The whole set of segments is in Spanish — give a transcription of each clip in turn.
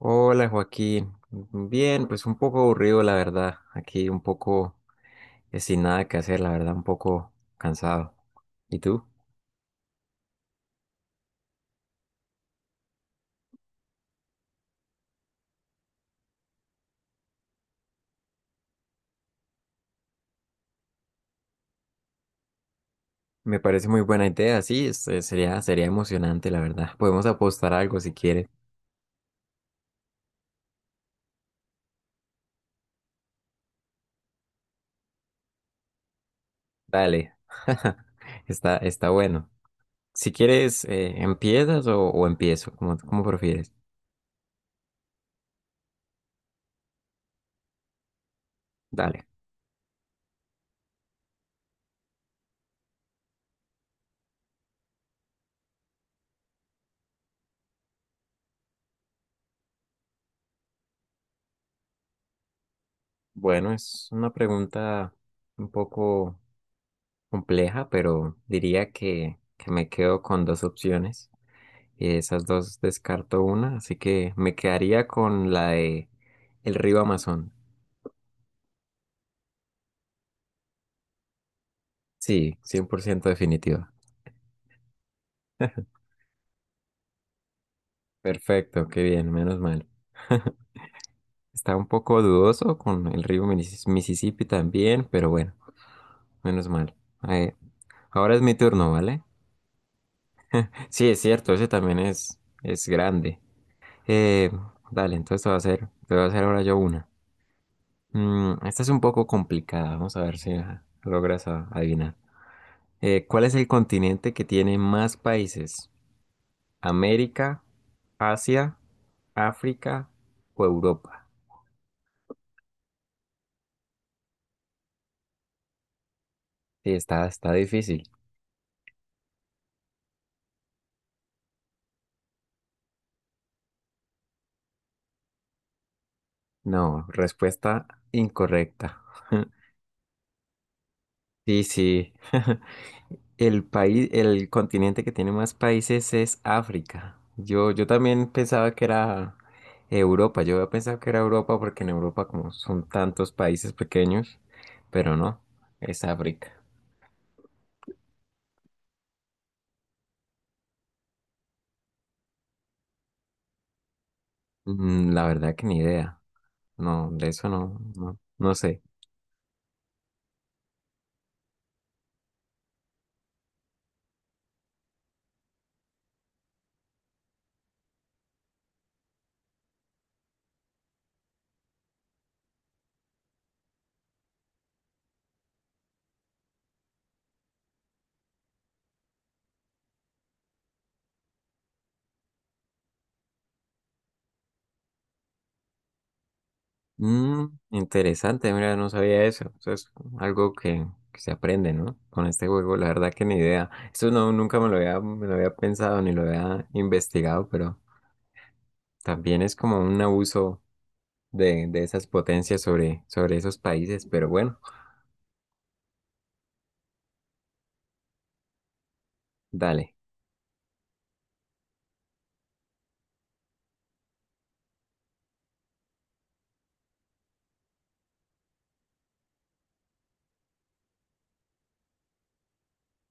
Hola Joaquín, bien, pues un poco aburrido la verdad, aquí un poco sin nada que hacer, la verdad un poco cansado. ¿Y tú? Me parece muy buena idea, sí, sería emocionante la verdad. Podemos apostar algo si quieres. Dale, está bueno. Si quieres, ¿empiezas o empiezo? Como prefieres. Dale. Bueno, es una pregunta un poco compleja, pero diría que me quedo con dos opciones. Y esas dos descarto una, así que me quedaría con la de el río Amazon. Sí, 100% definitiva. Perfecto, qué bien, menos mal. Está un poco dudoso con el río Mississippi también, pero bueno, menos mal. Eh, Ahora es mi turno, ¿vale? Sí, es cierto, ese también es grande. Eh, Dale, entonces te voy a hacer ahora yo una. Esta es un poco complicada, vamos a ver si la logras adivinar. ¿Cuál es el continente que tiene más países? ¿América, Asia, África o Europa? Sí, está difícil. No, respuesta incorrecta. Sí, sí. El continente que tiene más países es África. Yo también pensaba que era Europa. Yo había pensado que era Europa porque en Europa como son tantos países pequeños, pero no, es África. La verdad que ni idea. No, de eso no, no, no sé. Mm, Interesante, mira, no sabía eso. Eso es algo que se aprende, ¿no? Con este juego, la verdad que ni idea. Eso no, nunca me lo había pensado ni lo había investigado, pero también es como un abuso de esas potencias sobre esos países. Pero bueno, dale.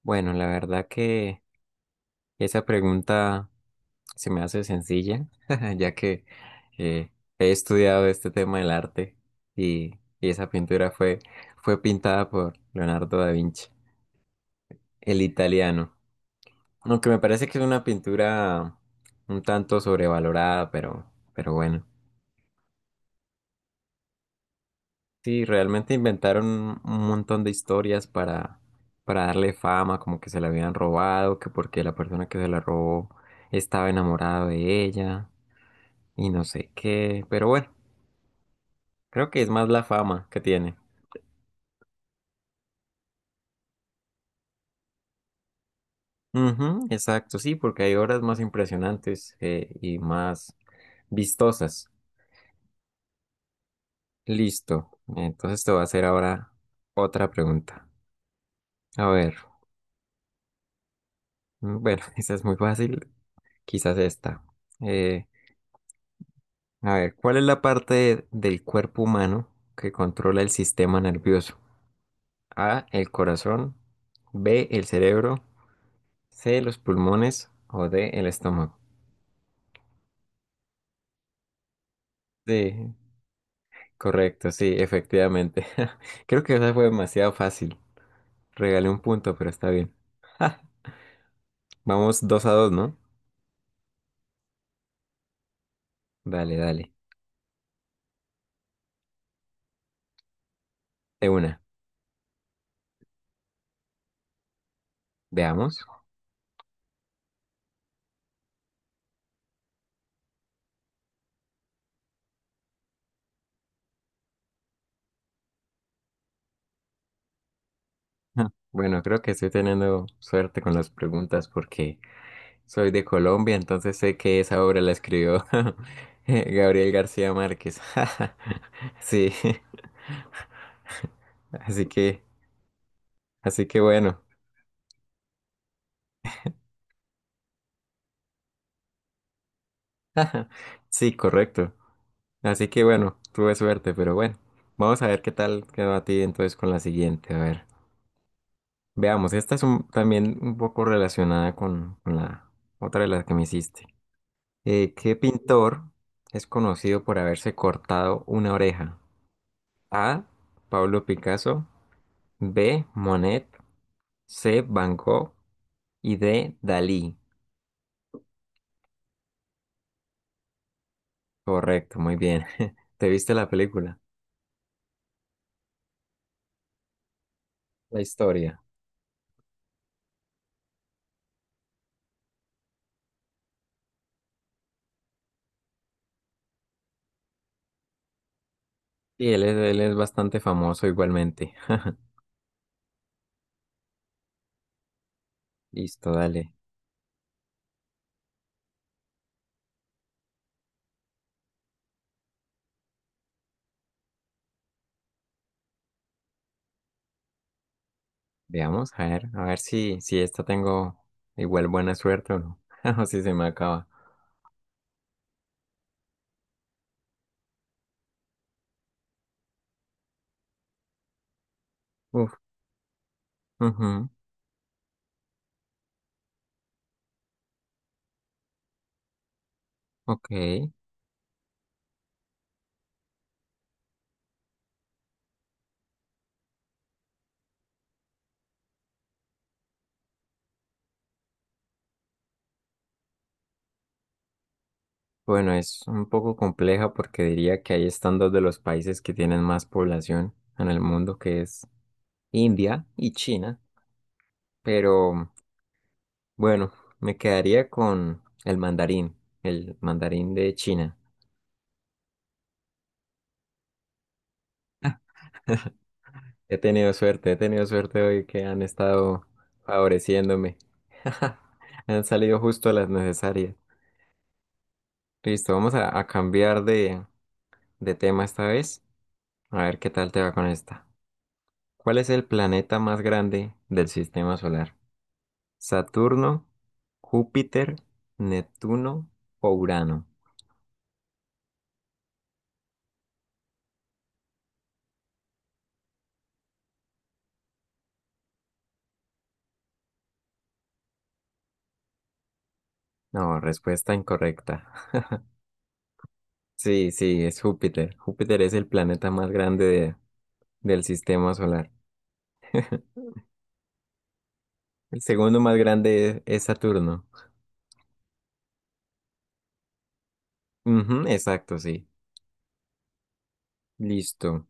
Bueno, la verdad que esa pregunta se me hace sencilla, ya que eh, he estudiado este tema del arte y esa pintura fue pintada por Leonardo da Vinci, el italiano. Aunque me parece que es una pintura un tanto sobrevalorada, pero bueno. Sí, realmente inventaron un montón de historias para darle fama, como que se la habían robado, que porque la persona que se la robó estaba enamorado de ella y no sé qué, pero bueno. Creo que es más la fama que tiene. Ujú, exacto, sí, porque hay obras más impresionantes y más vistosas. Listo. Entonces te voy a hacer ahora otra pregunta. A ver, bueno, esa es muy fácil, quizás esta. Eh, a ver, ¿cuál es la parte del cuerpo humano que controla el sistema nervioso? A, el corazón; B, el cerebro; C, los pulmones; o D, el estómago. Sí, correcto, sí, efectivamente. Creo que esa fue demasiado fácil. Regalé un punto, pero está bien. Vamos dos a dos, ¿no? Dale, dale. De una. Veamos. Ah, bueno, creo que estoy teniendo suerte con las preguntas porque soy de Colombia, entonces sé que esa obra la escribió Gabriel García Márquez. Sí, así que, así que bueno. Sí, correcto. Así que bueno, tuve suerte, pero bueno. Vamos a ver qué tal quedó a ti entonces con la siguiente. A ver. Veamos, esta es también un poco relacionada con la otra de las que me hiciste. ¿Qué pintor es conocido por haberse cortado una oreja? A, Pablo Picasso; B, Monet; C, Van Gogh; y D, Dalí. Correcto, muy bien. ¿Te viste la película? La historia. Sí, él es bastante famoso igualmente. Listo, dale. Veamos, a ver si esta tengo igual buena suerte o no. O si se me acaba. Uf. Ujú, ok, bueno, es un poco compleja porque diría que ahí están dos de los países que tienen más población en el mundo, que es India y China, pero bueno, me quedaría con el mandarín de China. He tenido suerte hoy que han estado favoreciéndome. Han salido justo las necesarias. Listo, vamos a cambiar de tema esta vez. A ver qué tal te va con esta. ¿Cuál es el planeta más grande del sistema solar? ¿Saturno, Júpiter, Neptuno o Urano? No, respuesta incorrecta. Sí, sí, es Júpiter. Júpiter es el planeta más grande del sistema solar. El segundo más grande es Saturno. Ujú, exacto, sí. Listo.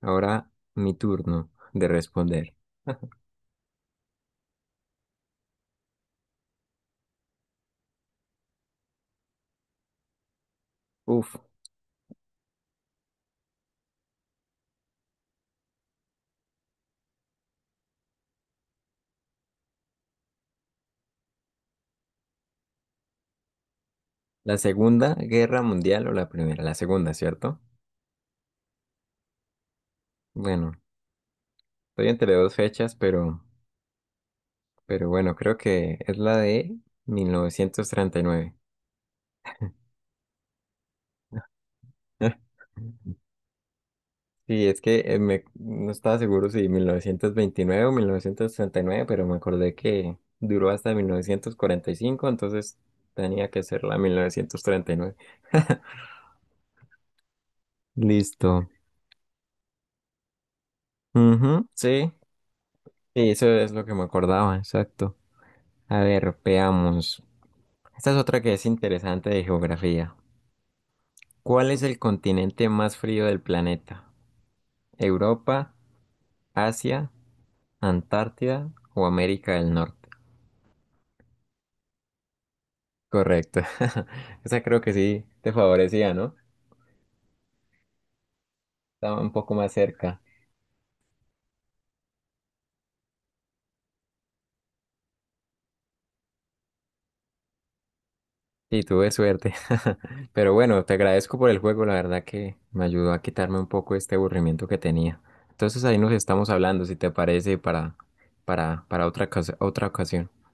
Ahora mi turno de responder. Uf, ¿la Segunda Guerra Mundial o la primera? La segunda, ¿cierto? Bueno, estoy entre dos fechas, pero bueno, creo que es la de 1939. Sí, es que no estaba seguro si 1929 o 1939, pero me acordé que duró hasta 1945, entonces tenía que ser la 1939. Listo. Ujú, sí, sí, eso es lo que me acordaba, exacto. A ver, veamos. Esta es otra que es interesante de geografía. ¿Cuál es el continente más frío del planeta? ¿Europa, Asia, Antártida o América del Norte? Correcto. Esa creo que sí te favorecía, ¿no? Estaba un poco más cerca. Y tuve suerte. Pero bueno, te agradezco por el juego. La verdad que me ayudó a quitarme un poco este aburrimiento que tenía. Entonces ahí nos estamos hablando, si te parece, para, otra, otra ocasión.